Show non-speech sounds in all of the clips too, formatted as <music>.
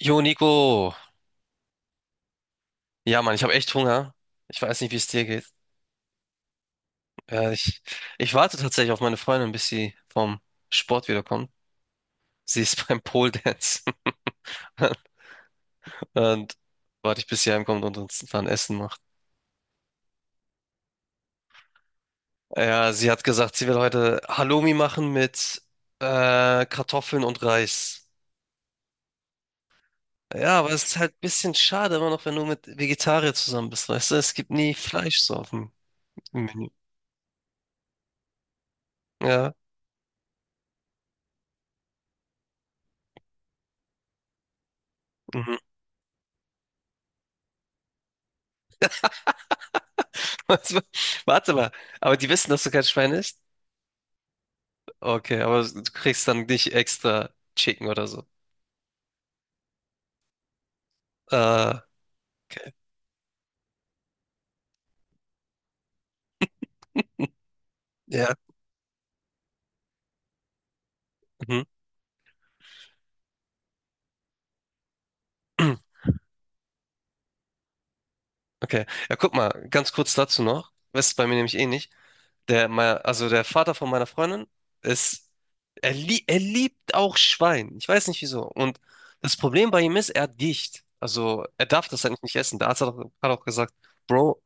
Jo, Nico. Ja, Mann, ich habe echt Hunger. Ich weiß nicht, wie es dir geht. Äh, ich, ich warte tatsächlich auf meine Freundin, bis sie vom Sport wiederkommt. Sie ist <laughs> beim Pole Dance. <laughs> Und warte ich, bis sie heimkommt und uns dann Essen macht. Ja, sie hat gesagt, sie will heute Halloumi machen mit Kartoffeln und Reis. Ja, aber es ist halt ein bisschen schade immer noch, wenn du mit Vegetarier zusammen bist, weißt du? Es gibt nie Fleisch so auf dem Menü. Ja. Mhm. <laughs> Warte mal, aber die wissen, dass du kein Schwein isst? Okay, aber du kriegst dann nicht extra Chicken oder so. Äh, okay. Ja. Mhm. <clears throat> Okay. Ja, guck mal, ganz kurz dazu noch. Das ist bei mir nämlich ähnlich. Also der Vater von meiner Freundin ist, er liebt auch Schwein. Ich weiß nicht wieso. Und das Problem bei ihm ist, er hat Gicht. Also er darf das eigentlich nicht essen. Der Arzt hat auch gesagt, Bro,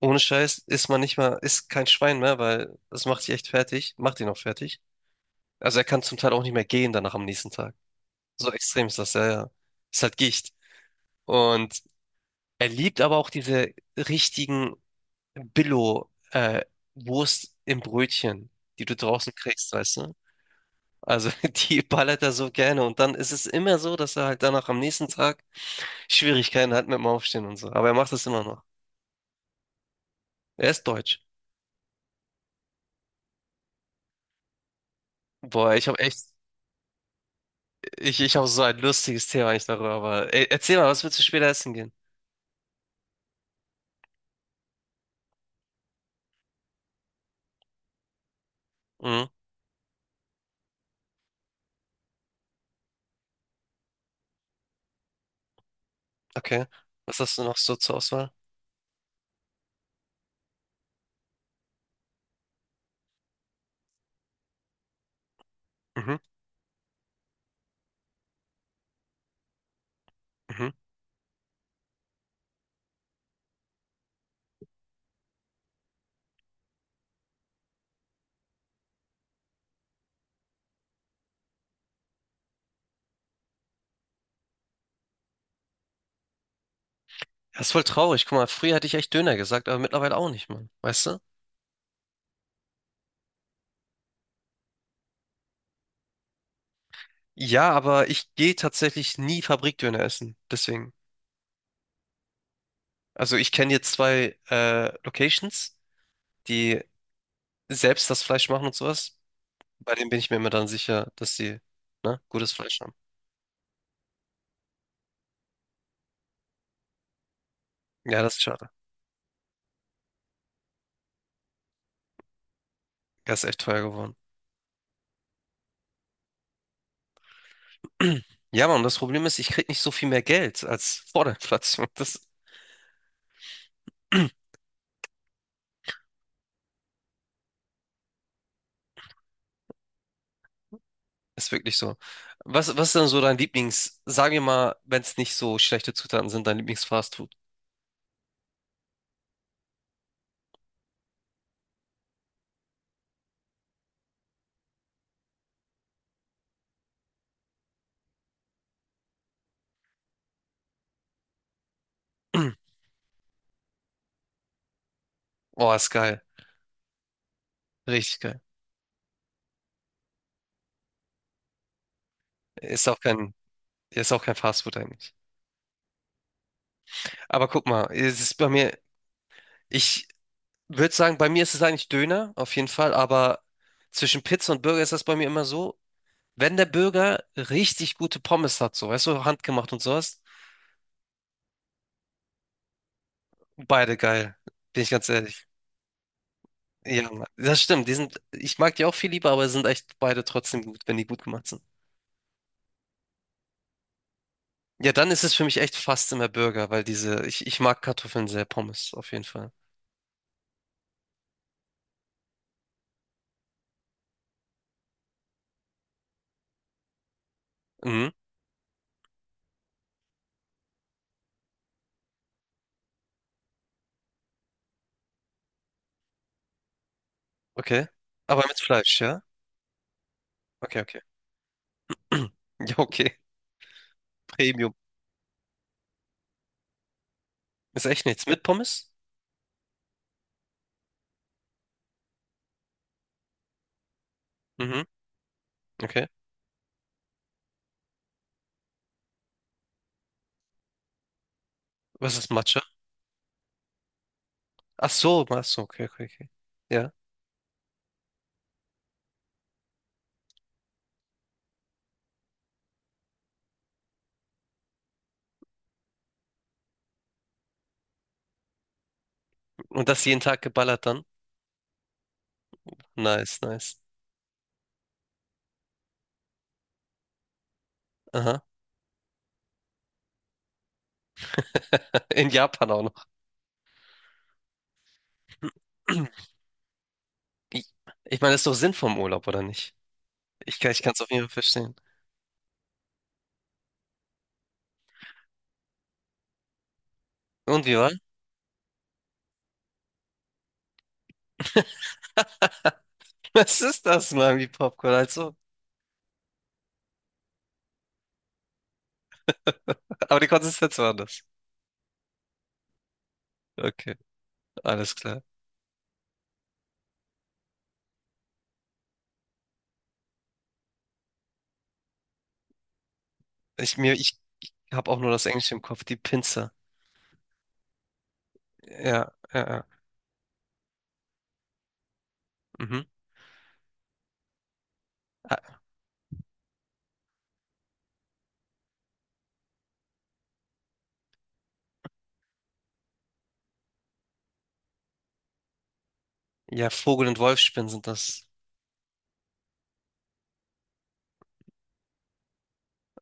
ohne Scheiß isst man nicht mal, isst kein Schwein mehr, weil das macht dich echt fertig, macht ihn auch fertig. Also er kann zum Teil auch nicht mehr gehen danach am nächsten Tag. So extrem ist das, ja, ja. Ist halt Gicht. Und er liebt aber auch diese richtigen Billo, äh, Wurst im Brötchen, die du draußen kriegst, weißt du? Also <laughs> die ballert er so gerne. Und dann ist es immer so, dass er halt danach am nächsten Tag Schwierigkeiten hat mit dem Aufstehen und so. Aber er macht das immer noch. Er ist deutsch. Boah, ich habe echt, ich habe so ein lustiges Thema eigentlich darüber. Aber ey, erzähl mal, was willst du später essen gehen? Mhm, okay. Was hast du noch so zur Auswahl? Mhm, mhm. Das ist voll traurig. Guck mal, früher hatte ich echt Döner gesagt, aber mittlerweile auch nicht, Mann. Weißt du? Ja, aber ich gehe tatsächlich nie Fabrikdöner essen. Deswegen. Also ich kenne jetzt zwei Locations, die selbst das Fleisch machen und sowas. Bei denen bin ich mir immer dann sicher, dass sie ne, gutes Fleisch haben. Ja, das ist schade. Das ist echt teuer geworden. <clears throat> Ja, Mann, und das Problem ist, ich krieg nicht so viel mehr Geld als <laughs> vor der Inflation. Das <clears throat> ist wirklich so. Was, was ist denn so dein Lieblings, sag mir mal, wenn es nicht so schlechte Zutaten sind, dein Lieblingsfastfood? <clears throat> Oh, ist geil. Richtig geil. Ist auch kein, ist auch kein Fastfood eigentlich. Aber guck mal, es ist bei mir, ich würde sagen, bei mir ist es eigentlich Döner, auf jeden Fall, aber zwischen Pizza und Burger ist das bei mir immer so, wenn der Burger richtig gute Pommes hat, so, weißt du, handgemacht und sowas, beide geil, bin ich ganz ehrlich. Ja, das stimmt, die sind, ich mag die auch viel lieber, aber sind echt beide trotzdem gut, wenn die gut gemacht sind. Ja, dann ist es für mich echt fast immer Burger, weil diese, ich mag Kartoffeln sehr, Pommes, auf jeden Fall. Mhm. Okay. Aber mit Fleisch, ja? Okay, okay. <clears throat> Ja, okay. Premium. Ist echt nichts. Mit Pommes? Mhm, okay. Was ist Matcha? Ach so, okay, okay, okay. Ja. Und das jeden Tag geballert dann? Nice, nice. Aha. <laughs> In Japan auch noch. <clears throat> Ich, ich meine, das ist doch Sinn vom Urlaub, oder nicht? Ich kann es auf jeden Fall verstehen. Und wie war? <laughs> Was ist das, Mami Popcorn? Also, aber die Konsistenz war anders. Okay, alles klar. Ich habe auch nur das Englische im Kopf, die Pinzer. Ja, ja, ja. Mhm. Ah, ja, Vogel- und Wolfsspinnen sind das.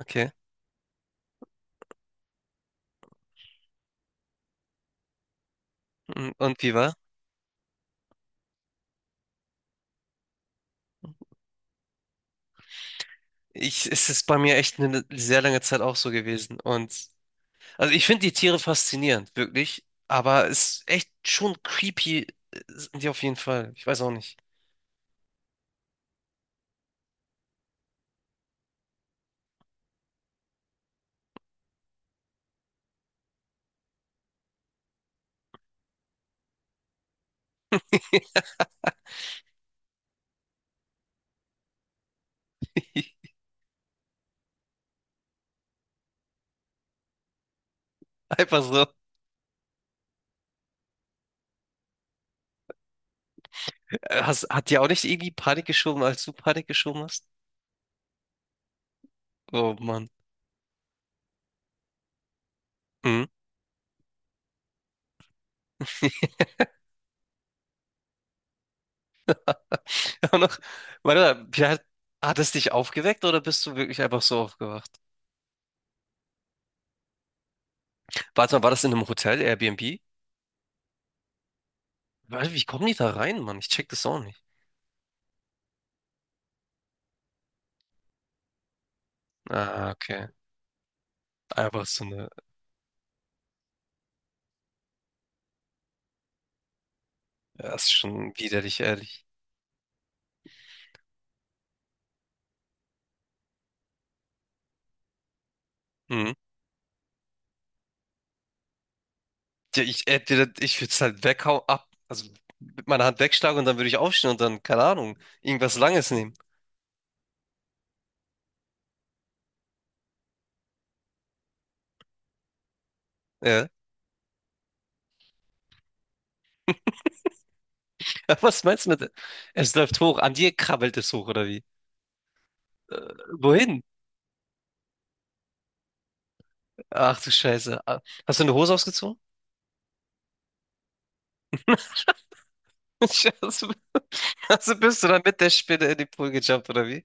Okay. Und wie war? Ich, es ist bei mir echt eine sehr lange Zeit auch so gewesen. Und also ich finde die Tiere faszinierend, wirklich. Aber es ist echt schon creepy, sind die auf jeden Fall. Ich weiß auch nicht. <laughs> Einfach so. Hast, hat dir auch nicht irgendwie Panik geschoben, als du Panik geschoben hast? Oh Mann. Mhm. <laughs> Auch noch, warte, mal, hat, hat es dich aufgeweckt oder bist du wirklich einfach so aufgewacht? Warte mal, war das in einem Hotel, Airbnb? Warte, wie kommen die da rein, Mann? Ich check das auch nicht. Ah, okay. Einfach so eine. Ja, ist schon widerlich, ehrlich. Mhm. Ja, ich würde es halt weghauen, ab. Also mit meiner Hand wegschlagen und dann würde ich aufstehen und dann, keine Ahnung, irgendwas Langes nehmen. Ja. <laughs> Was meinst du mit. Es läuft hoch. An dir krabbelt es hoch, oder wie? Wohin? Ach du Scheiße. Ah, hast du eine Hose ausgezogen? <laughs> Also also bist du dann mit der Spinne in den Pool gejumpt, oder wie?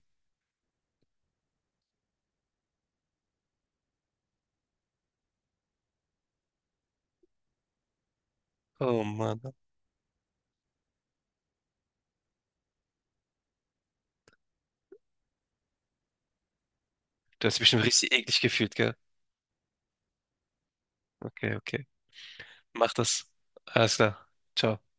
Oh Mann. Du hast dich bestimmt richtig eklig gefühlt, gell? Okay, okay. Mach das. Alles klar. Ciao.